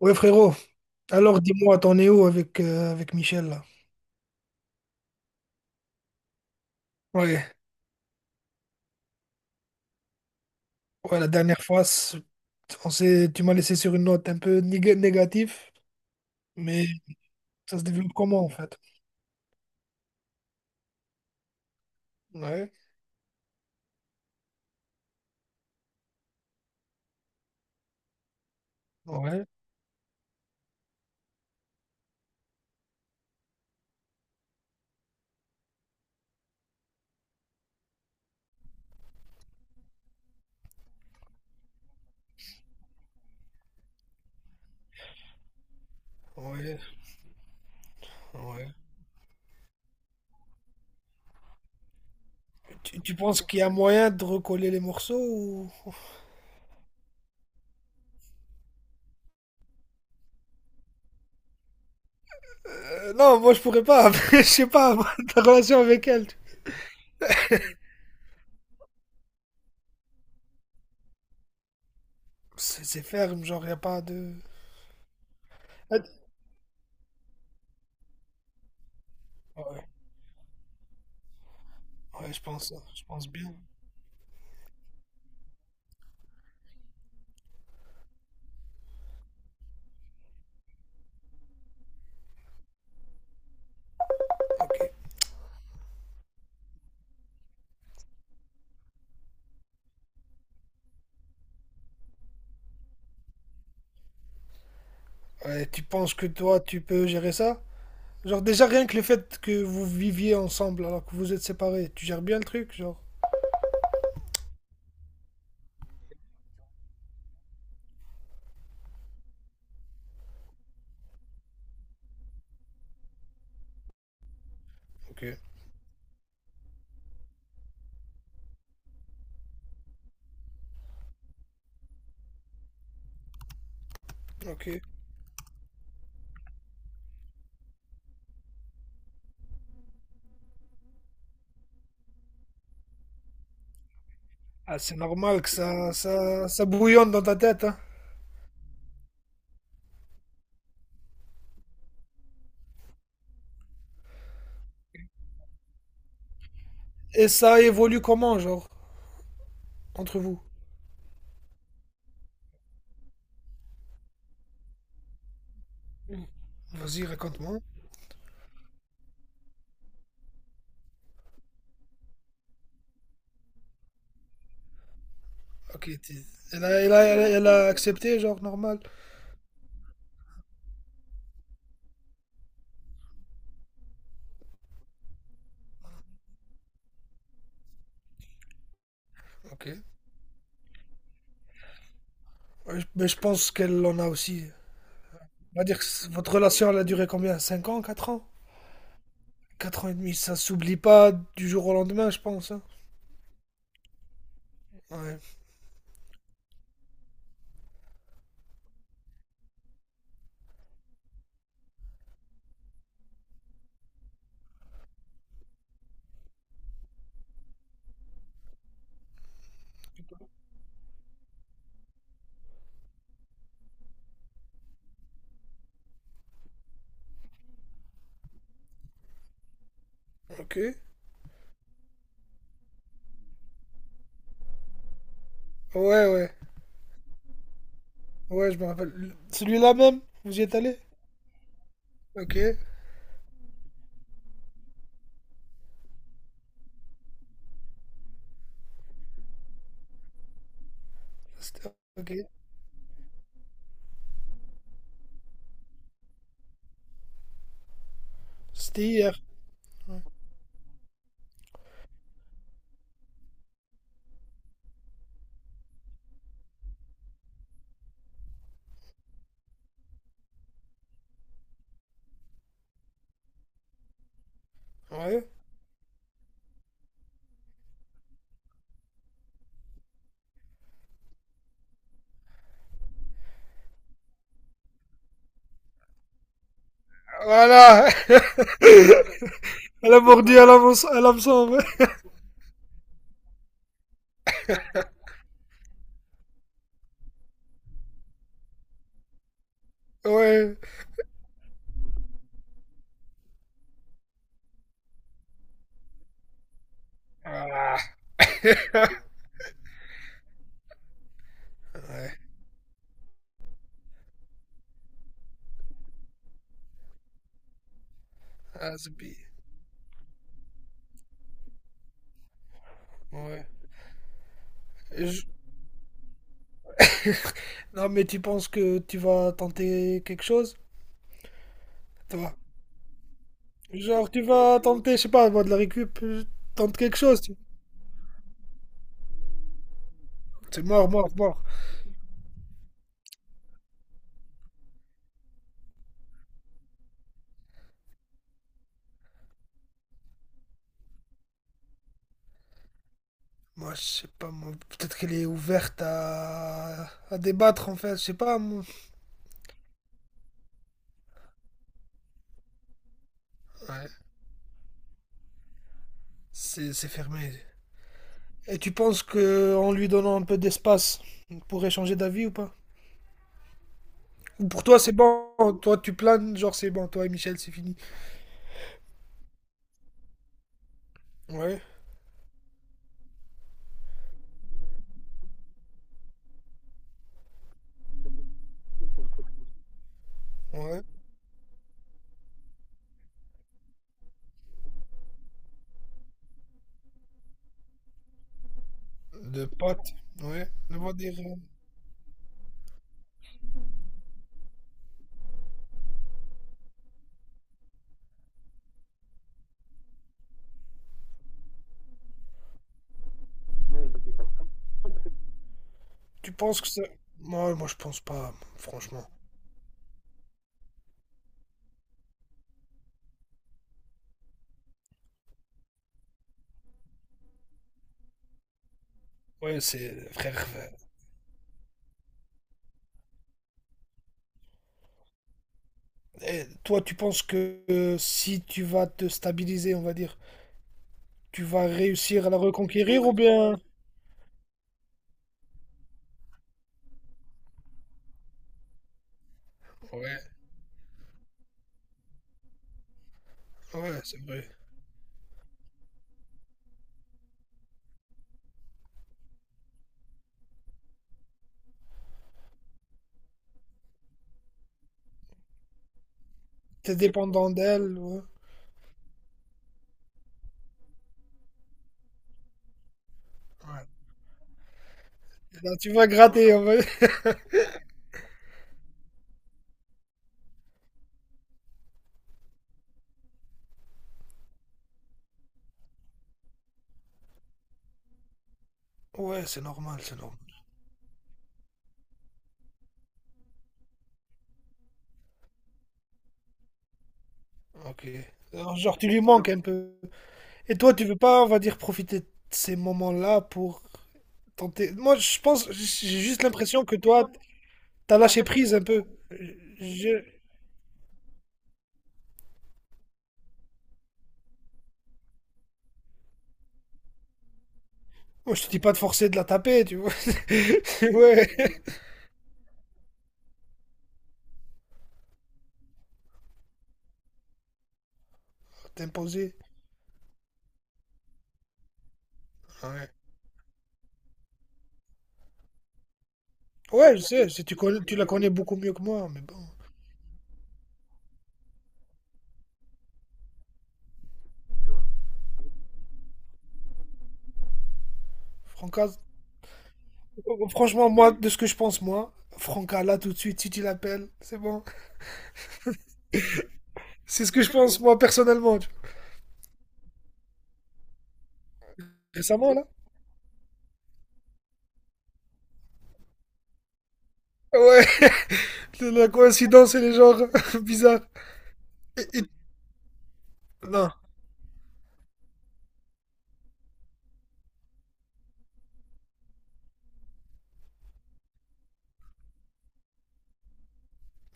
Ouais, frérot. Alors, dis-moi, t'en es où avec, avec Michel, là? Ouais, ouais, la dernière fois, on s'est, tu m'as laissé sur une note un peu négative, mais ça se développe comment, en fait? Ouais, ouais, ouais, ouais. Tu penses qu'il y a moyen de recoller les morceaux ou... non, moi, je pourrais pas. Je sais pas, ta relation avec elle. C'est ferme, genre, y a pas de... Ouais, ouais, je pense bien. Ok. Ouais, tu penses que toi, tu peux gérer ça? Genre, déjà, rien que le fait que vous viviez ensemble alors que vous êtes séparés, tu gères bien le truc, genre. Ok. Ok. Ah, c'est normal que ça bouillonne dans ta tête, hein. Et ça évolue comment, genre, entre vous? Vas-y, raconte-moi. Ok, elle a, elle a accepté, genre, normal. Ok. Ouais, mais je pense qu'elle en a aussi. On va dire que votre relation, elle a duré combien? 5 ans, quatre ans? 4 ans et demi, ça s'oublie pas du jour au lendemain, je pense, hein. Ouais. Ok. Ouais, ouais. Ouais, je me rappelle. Celui-là même, vous y êtes allé? Ok. C'était ok. C'était hier. Ouais. Voilà! Elle a mordu à l'hameçon. À l'hameçon, ouais. Ouais. Ah, ouais. Ah, c'est pire. Ouais. Je- non, mais tu penses que tu vas tenter quelque chose? Toi. Genre, tu vas tenter, je sais pas, moi, de la récup, tente quelque chose. Tu- C'est mort, mort, mort. Moi, je sais pas, moi, peut-être qu'elle est ouverte à débattre, en fait, je sais pas. Moi. Ouais. C'est fermé. Et tu penses que en lui donnant un peu d'espace, il pourrait changer d'avis ou pas? Ou pour toi, c'est bon. Toi, tu planes, genre, c'est bon. Toi et Michel, c'est fini. Ouais, ouais. De potes. Ouais. De voir des tu penses que ça... Moi, je pense pas, franchement. Ouais, c'est... Frère, et toi, tu penses que si tu vas te stabiliser, on va dire, tu vas réussir à la reconquérir ou bien... Ouais, ouais, c'est vrai. T'es dépendant d'elle, ouais. Ouais. Là, tu vas gratter, on va... Ouais, c'est normal, c'est normal. Ok. Alors, genre, tu lui manques un peu. Et toi, tu veux pas, on va dire, profiter de ces moments-là pour tenter. Moi, je pense, j'ai juste l'impression que toi, t'as lâché prise un peu. Je... Moi, je te dis pas de forcer de la taper, tu vois. Ouais, t'imposer. Ouais. Ouais, je sais, tu connais, tu la connais beaucoup mieux que moi, mais bon. Franca, franchement, moi, de ce que je pense, moi, Franca, là, tout de suite, si tu l'appelles, c'est bon. C'est ce que je pense, moi, personnellement. Tu vois. Récemment, là? Ouais. La coïncidence, elle est genre bizarre. Et- et- Non,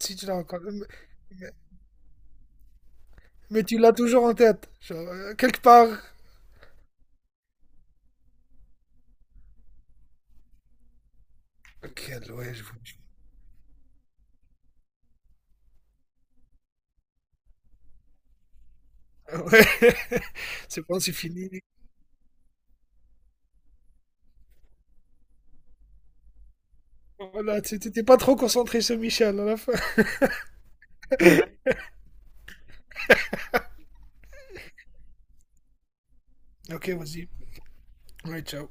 si tu l'as encore. Mais, mais- mais tu l'as toujours en tête. Genre, quelque part. Ok, ouais, je vous. Dis. Ouais, c'est bon, c'est fini. Voilà, t'étais pas trop concentré sur Michel à la fin. Ok, vas-y. Ouais, ciao.